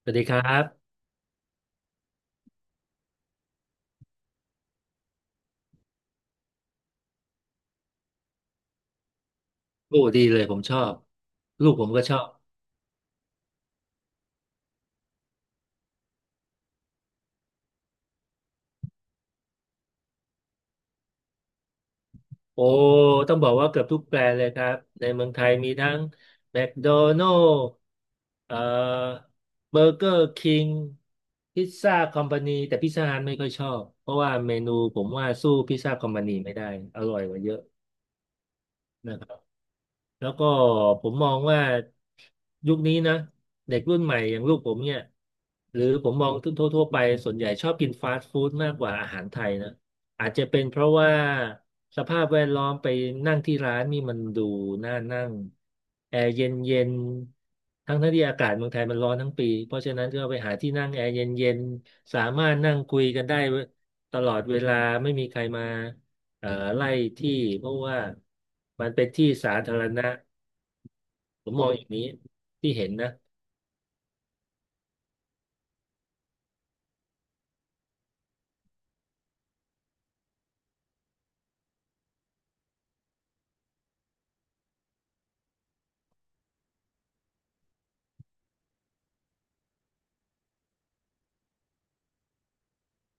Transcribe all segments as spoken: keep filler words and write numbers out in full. สวัสดีครับโอ้ดีเลยผมชอบลูกผมก็ชอบโอ้ต้องบอกว่าเกือบทุกแบรนด์เลยครับในเมืองไทยมีทั้งแมคโดนัลด์เอ่อเบอร์เกอร์คิงพิซซ่าคอมพานีแต่พิซซ่าฮัทไม่ค่อยชอบเพราะว่าเมนูผมว่าสู้พิซซ่าคอมพานีไม่ได้อร่อยกว่าเยอะนะครับ แล้วก็ผมมองว่ายุคนี้นะเด็กรุ่นใหม่อย่างลูกผมเนี่ยหรือผมมองทั่วๆไปส่วนใหญ่ชอบกินฟาสต์ฟู้ดมากกว่าอาหารไทยนะอาจจะเป็นเพราะว่าสภาพแวดล้อมไปนั่งที่ร้านนี่มันดูน่านั่งแอร์เย็นเย็นทั้งที่อากาศเมืองไทยมันร้อนทั้งปีเพราะฉะนั้นก็ไปหาที่นั่งแอร์เย็นเย็นสามารถนั่งคุยกันได้ตลอดเวลาไม่มีใครมา เอ่อไล่ที่เพราะว่ามันเป็นที่สาธารณะผมมองอย่างนี้ที่เห็นนะ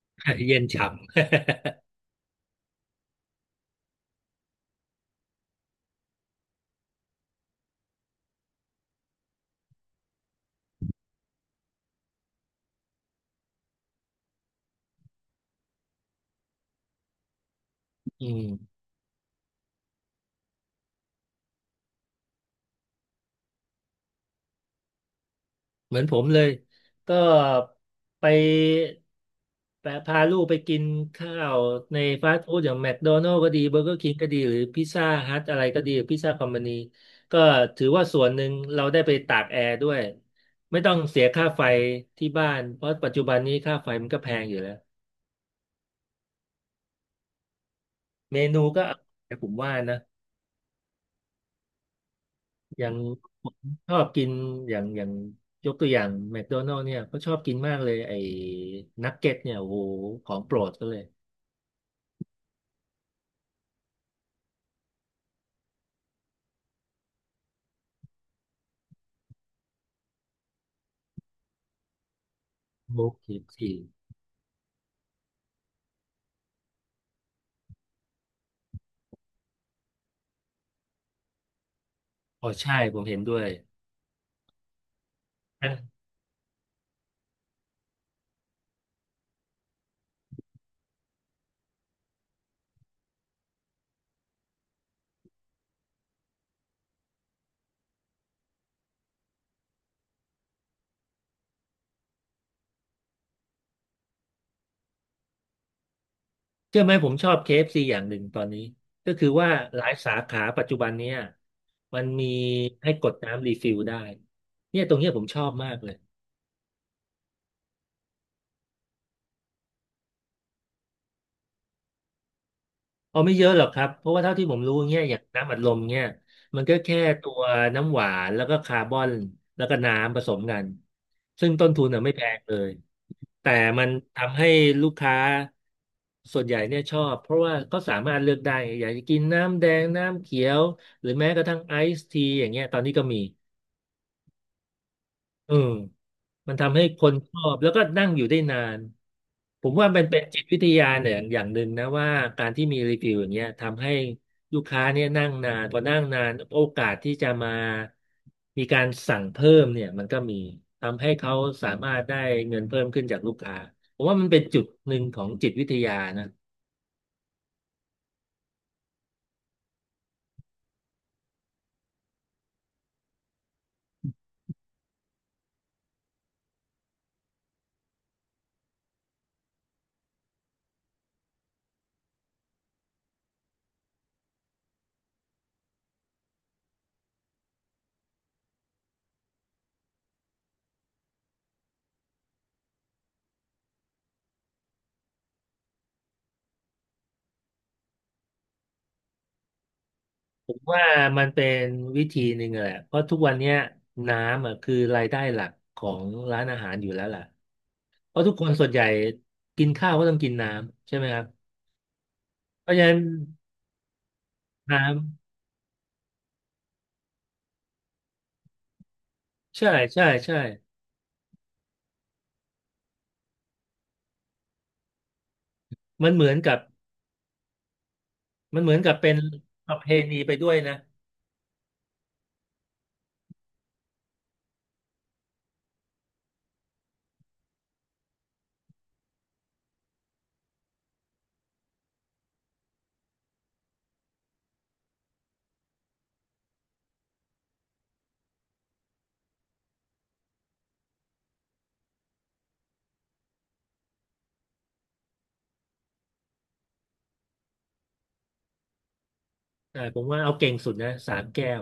เย็นฉ่ำอืมเหมือนผมเลยก็ไปแปะพาลูกไปกินข้าวในฟาสต์ฟู้ดอย่างแม d โดนัล s ก็ดีเบอร์เกอร์คิงก็ดีหรือพิซซ่าฮัทอะไรก็ดีพิซซ่าคอมพานีก็ถือว่าส่วนหนึ่งเราได้ไปตากแอร์ด้วยไม่ต้องเสียค่าไฟที่บ้านเพราะปัจจุบันนี้ค่าไฟมันก็แพงอยู่แล้วเมนูก็อร่อยผมว่านะ อย่างผมชอบกินอย่างอย่างยกตัวอย่างแมคโดนัล s เนี่ยก็ชอบกินมากเลยไอ้นักเก็ตเนี่ยโอ้โหของโปรดก็เลยโอ้เคฟซีอ๋อใช่ผมเห็นด้วยนะเชื่อไหมผมชอบ เค เอฟ ซี อฟซีอย่างหนึ่งตอนนี้ก็คือว่าหลายสาขาปัจจุบันเนี่ยมันมีให้กดน้ำรีฟิลได้เนี่ยตรงเนี้ยผมชอบมากเลย เอาไม่เยอะหรอกครับ เพราะว่าเท่าที่ผมรู้เนี่ยอย่างน้ำอัดลมเนี่ยมันก็แค่ตัวน้ำหวานแล้วก็คาร์บอนแล้วก็น้ำผสมกันซึ่งต้นทุนอ่ะไม่แพงเลยแต่มันทำให้ลูกค้าส่วนใหญ่เนี่ยชอบเพราะว่าก็สามารถเลือกได้อยากจะกินน้ำแดงน้ำเขียวหรือแม้กระทั่งไอซ์ทีอย่างเงี้ยตอนนี้ก็มีอืมมันทำให้คนชอบแล้วก็นั่งอยู่ได้นาน ผมว่าเป็นเป็นจิตวิทยาเนี่ยอย่างอย่างหนึ่งนะว่าการที่มีรีวิวอย่างเงี้ยทำให้ลูกค้าเนี่ยนั่งนานพอนั่งนานโอกาสที่จะมามีการสั่งเพิ่มเนี่ยมันก็มีทำให้เขาสามารถได้เงินเพิ่มขึ้นจากลูกค้าผมว่ามันเป็นจุดหนึ่งของจิตวิทยานะผมว่ามันเป็นวิธีหนึ่งแหละเพราะทุกวันเนี้ยน้ำอ่ะคือรายได้หลักของร้านอาหารอยู่แล้วล่ะเพราะทุกคนส่วนใหญ่กินข้าวก็ต้องกินน้ำใช่ไหมครับเพราะฉะนั้นน้ำ ใช่ใช่ใช่มันเหมือนกับมันเหมือนกับเป็นประเพณีไปด้วยนะอ่าผมว่าเอาเก่งสุดนะสามแก้ว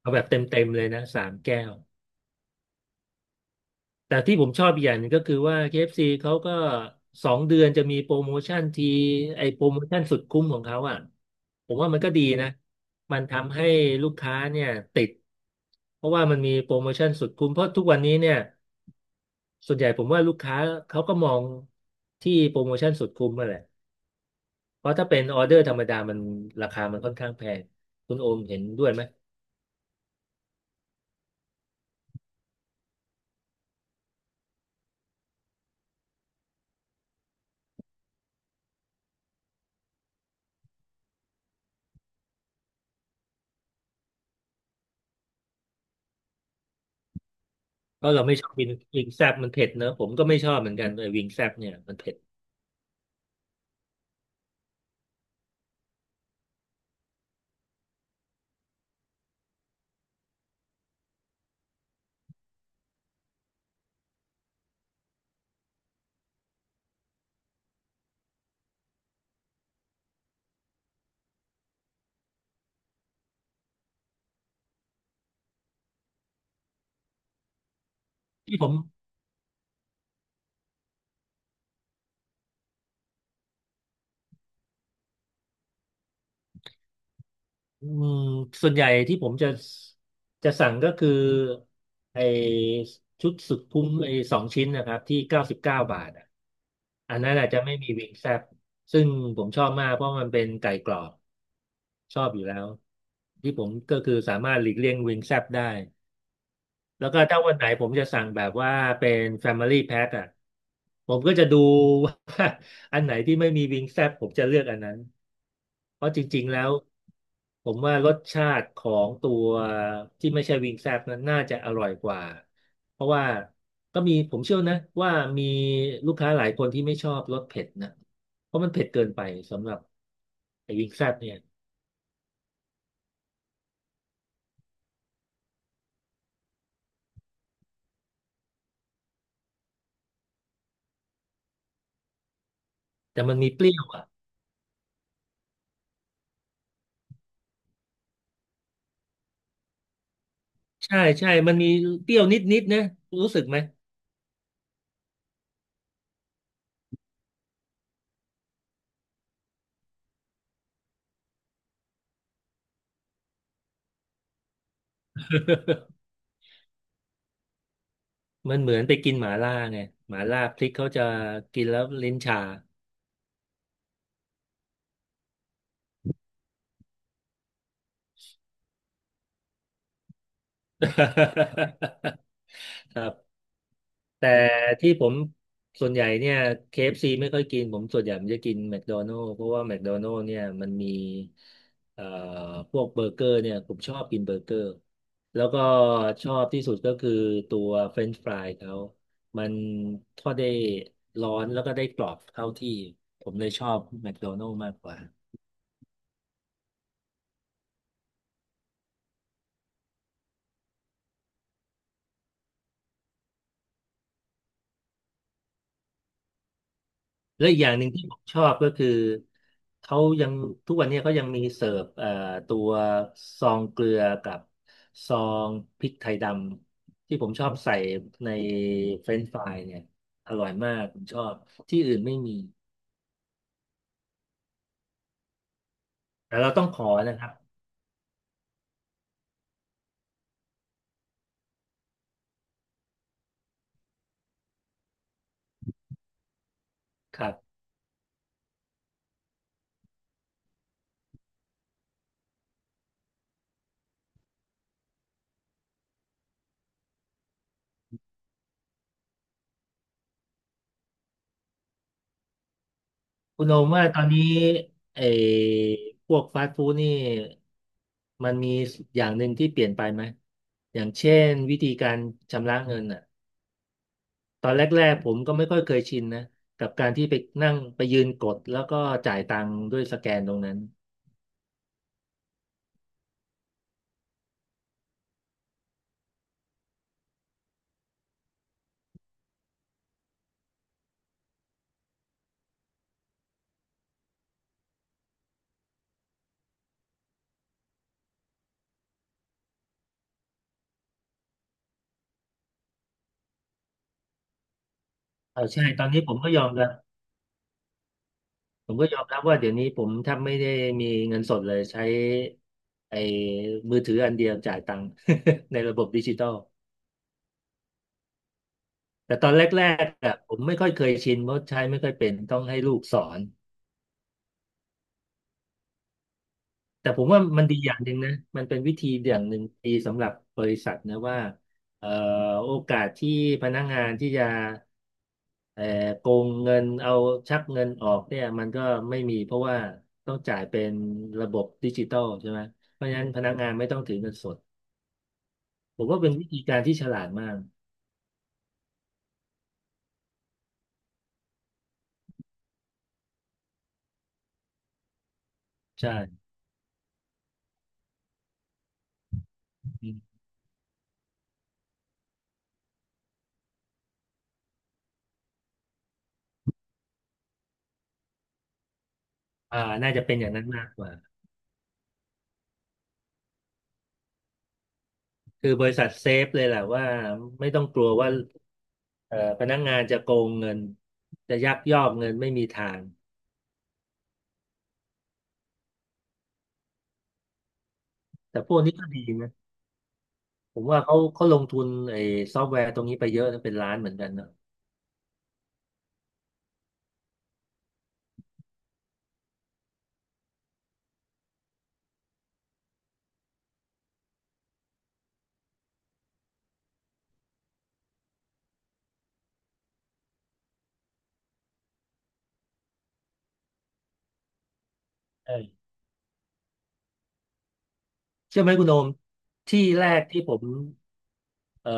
เอาแบบเต็มเต็มเลยนะสามแก้วแต่ที่ผมชอบอีกอย่างหนึงก็คือว่า เค เอฟ ซี เอฟซีเขาก็สองเดือนจะมีโปรโมชั่นทีไอโปรโมชั่นสุดคุ้มของเขาอ่ะผมว่ามันก็ดีนะมันทำให้ลูกค้าเนี่ยติดเพราะว่ามันมีโปรโมชั่นสุดคุ้มเพราะทุกวันนี้เนี่ยส่วนใหญ่ผมว่าลูกค้าเขาก็มองที่โปรโมชั่นสุดคุ้มมาแหละ เพราะถ้าเป็นออเดอร์ธรรมดามันราคามันค่อนข้างแพง คุณโอมเห็นด้วยไหม เพราะเราไม่ชอบวิงวิงแซบมันเผ็ดเนอะผมก็ไม่ชอบเหมือนกันไอ้วิงแซบเนี่ยมันเผ็ดที่ผมอืมส่วนใหญ่ที่ผมจะจะสั่งก็คือไอ้ชุดสุดคุ้มไอ้สองชิ้นนะครับที่เก้าสิบเก้าบาทอ่ะอันนั้นอาจจะไม่มีวิงแซบซึ่งผมชอบมากเพราะมันเป็นไก่กรอบชอบอยู่แล้วที่ผมก็คือสามารถหลีกเลี่ยงวิงแซบได้ แล้วก็ถ้าวันไหนผมจะสั่งแบบว่าเป็น Family Pack อ่ะผมก็จะดูว่าอันไหนที่ไม่มีวิงแซบผมจะเลือกอันนั้นเพราะจริงๆแล้วผมว่ารสชาติของตัวที่ไม่ใช่วิงแซบนั้นน่าจะอร่อยกว่าเพราะว่าก็มีผมเชื่อนะว่ามีลูกค้าหลายคนที่ไม่ชอบรสเผ็ดนะเพราะมันเผ็ดเกินไปสำหรับไอ้วิงแซบเนี่ยแต่มันมีเปรี้ยวอ่ะใช่ใช่มันมีเปรี้ยวนิดๆนะรู้สึกไหม มันเหมือนไปกินหมาล่าไงหมาล่าพริกเขาจะกินแล้วลิ้นชา ครับแต่ที่ผมส่วนใหญ่เนี่ย เค เอฟ ซี ไม่ค่อยกินผมส่วนใหญ่ผมจะกินแม d โดนัล s เพราะว่าแม d โดนัล s เนี่ยมันมีเอ่อพวกเบอร์เกอร์เนี่ยผมชอบกินเบอร์เกอร์แล้วก็ชอบที่สุดก็คือตัวเฟรนช์ฟรายเขามันทอดได้ร้อนแล้วก็ได้กรอบเข้าที่ผมเลยชอบแม d โดนัล s มากกว่า และอีกอย่างหนึ่งที่ผมชอบก็คือเขายังทุกวันนี้เขายังมีเสิร์ฟเอ่อตัวซองเกลือกับซองพริกไทยดำที่ผมชอบใส่ในเฟรนช์ฟรายเนี่ยอร่อยมากผมชอบที่อื่นไม่มีแต่เราต้องขอนะครับครับคุณโอมว่าตอนนี้ไอ้พวกฟาสต์ฟู้ดนี่มันมีอย่างหนึ่งที่เปลี่ยนไปไหมอย่างเช่นวิธีการชำระเงินอ่ะ ตอนแรกๆผมก็ไม่ค่อยเคยชินนะกับการที่ไปนั่งไปยืนกดแล้วก็จ่ายตังค์ด้วยสแกนตรงนั้นเอาใช่ตอนนี้ผมก็ยอมรับผมก็ยอมรับว่าเดี๋ยวนี้ผมแทบไม่ได้มีเงินสดเลยใช้ไอ้มือถืออันเดียวจ่ายตังค์ ในระบบดิจิตอลแต่ตอนแรกๆอะผมไม่ค่อยเคยชินเพราะใช้ไม่ค่อยเป็นต้องให้ลูกสอน แต่ผมว่ามันดีอย่างหนึ่งนะมันเป็นวิธีอย่างหนึ่งดีสำหรับบริษัทนะว่าเอ่อโอกาสที่พนักงานที่จะเอ่อโกงเงินเอาชักเงินออกเนี่ยมันก็ไม่มีเพราะว่าต้องจ่ายเป็นระบบดิจิตอลใช่ไหมเพราะฉะนั้นพนักงานไม่ต้องถือเงินสดผมว่าเป็นวิธีการที่ฉลาดมากใช่อืมอ่าน่าจะเป็นอย่างนั้นมากกว่าคือบริษัทเซฟเลยแหละว่าไม่ต้องกลัวว่าเอ่อพนักงานจะโกงเงินจะยักยอกเงินไม่มีทาง แต่พวกนี้ก็ดีนะผมว่าเขาเขาลงทุนไอ้ซอฟต์แวร์ตรงนี้ไปเยอะนะเป็นล้านเหมือนกันนะใช่เชื่อไหมคุณโอมที่แรกที่ผมเอ่อ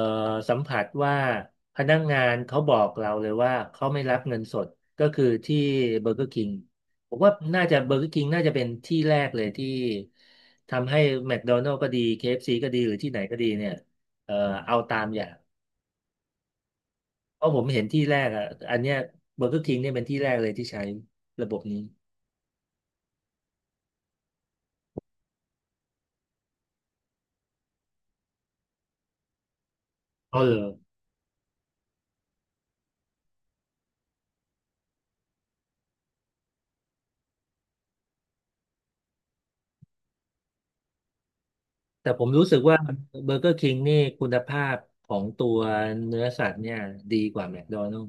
สัมผัสว่าพนักงานเขาบอกเราเลยว่าเขาไม่รับเงินสดก็คือที่เบอร์เกอร์คิงผมว่าน่าจะเบอร์เกอร์คิงน่าจะเป็นที่แรกเลยที่ทำให้แม d โดนัล s ก็ดี เค เอฟ ซี ก็ดีหรือที่ไหนก็ดีเนี่ยเอ่อเอาตามอย่างเพราะผมเห็นที่แรกอ่ะอันเนี้ยเบอร์เกอร์คิงเนี่ยเป็นที่แรกเลยที่ใช้ระบบนี้ อ๋อเหรอแต่ผมรู้สึกว่าเบอร์เกอร์คิงนี่คุณภาพของตัวเนื้อสัตว์เนี่ยดีกว่าแม d โดนัล s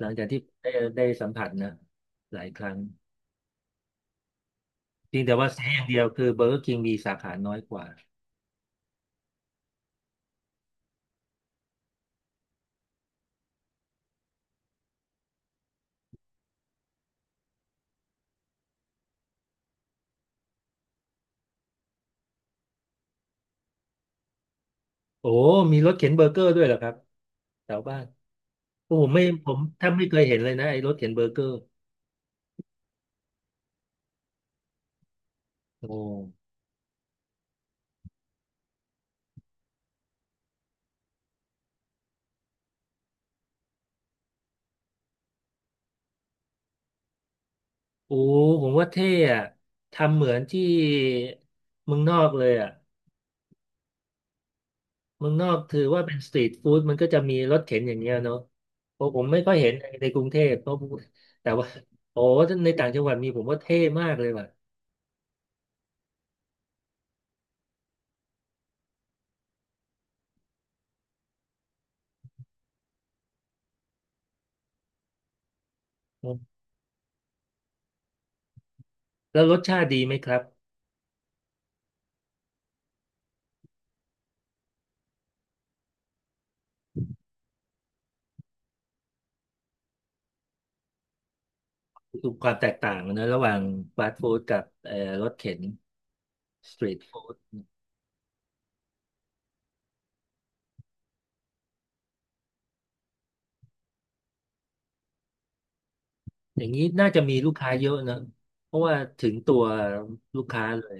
หลังจากที่ได้ได้สัมผัสนะหลายครั้งเพียงแต่ว่าเสียอย่างเดียวคือเบอร์เกอร์คิงมีสาขาน้อยกว่าโอ้มีรถเข็นเบอร์เกอร์ด้วยเหรอครับแถวบ้านโอ้ผมไม่ผมถ้าไม่เคยเห็นเลยนะไอ้รถเข็นเบอร์เกอร์โอ้โอ้ผมว่าเท่อะทำเหมือนที่เมืองนอกเลยอะ เมืองนอกถือว่าเป็นสตรีทฟู้ดมันก็จะมีรถเข็นอย่างเงี้ยเนาะเพราะผมไม่ค่อยเห็นในกรุงเทพเพราะแต่ว่าโอ้ในต่างจังหวัดมีผมว่าเท่มากเลยว่ะอืมแล้วรสชาติดีไหมครับดูความแตกต่างนะระหว่างฟาสต์ฟู้ดกับเอ่อรถเข็นสตรีทฟู้ดอย่างนี้น่าจะมีลูกค้าเยอะนะเพราะว่าถึงตัวลูกค้าเลย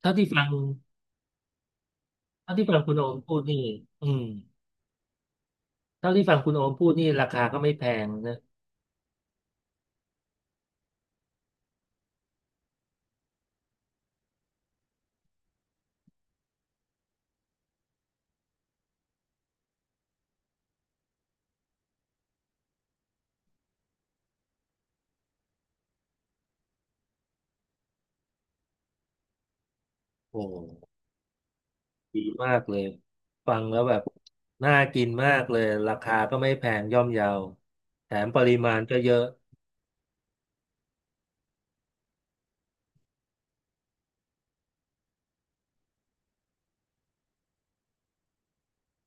เท่าที่ฟังเท่าที่ฟังคุณโอมพูดนี่อืมเท่าที่ฟังคุณโอมพูดนี่ราคาก็ไม่แพงนะโอ้ ดีมากเลยฟังแล้วแบบน่ากินมากเลยราคาก็ไม่แพงย่อมเยาแถมปริมาณก็เยอะ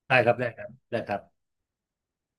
ได้ครับได้ครับได้ครับ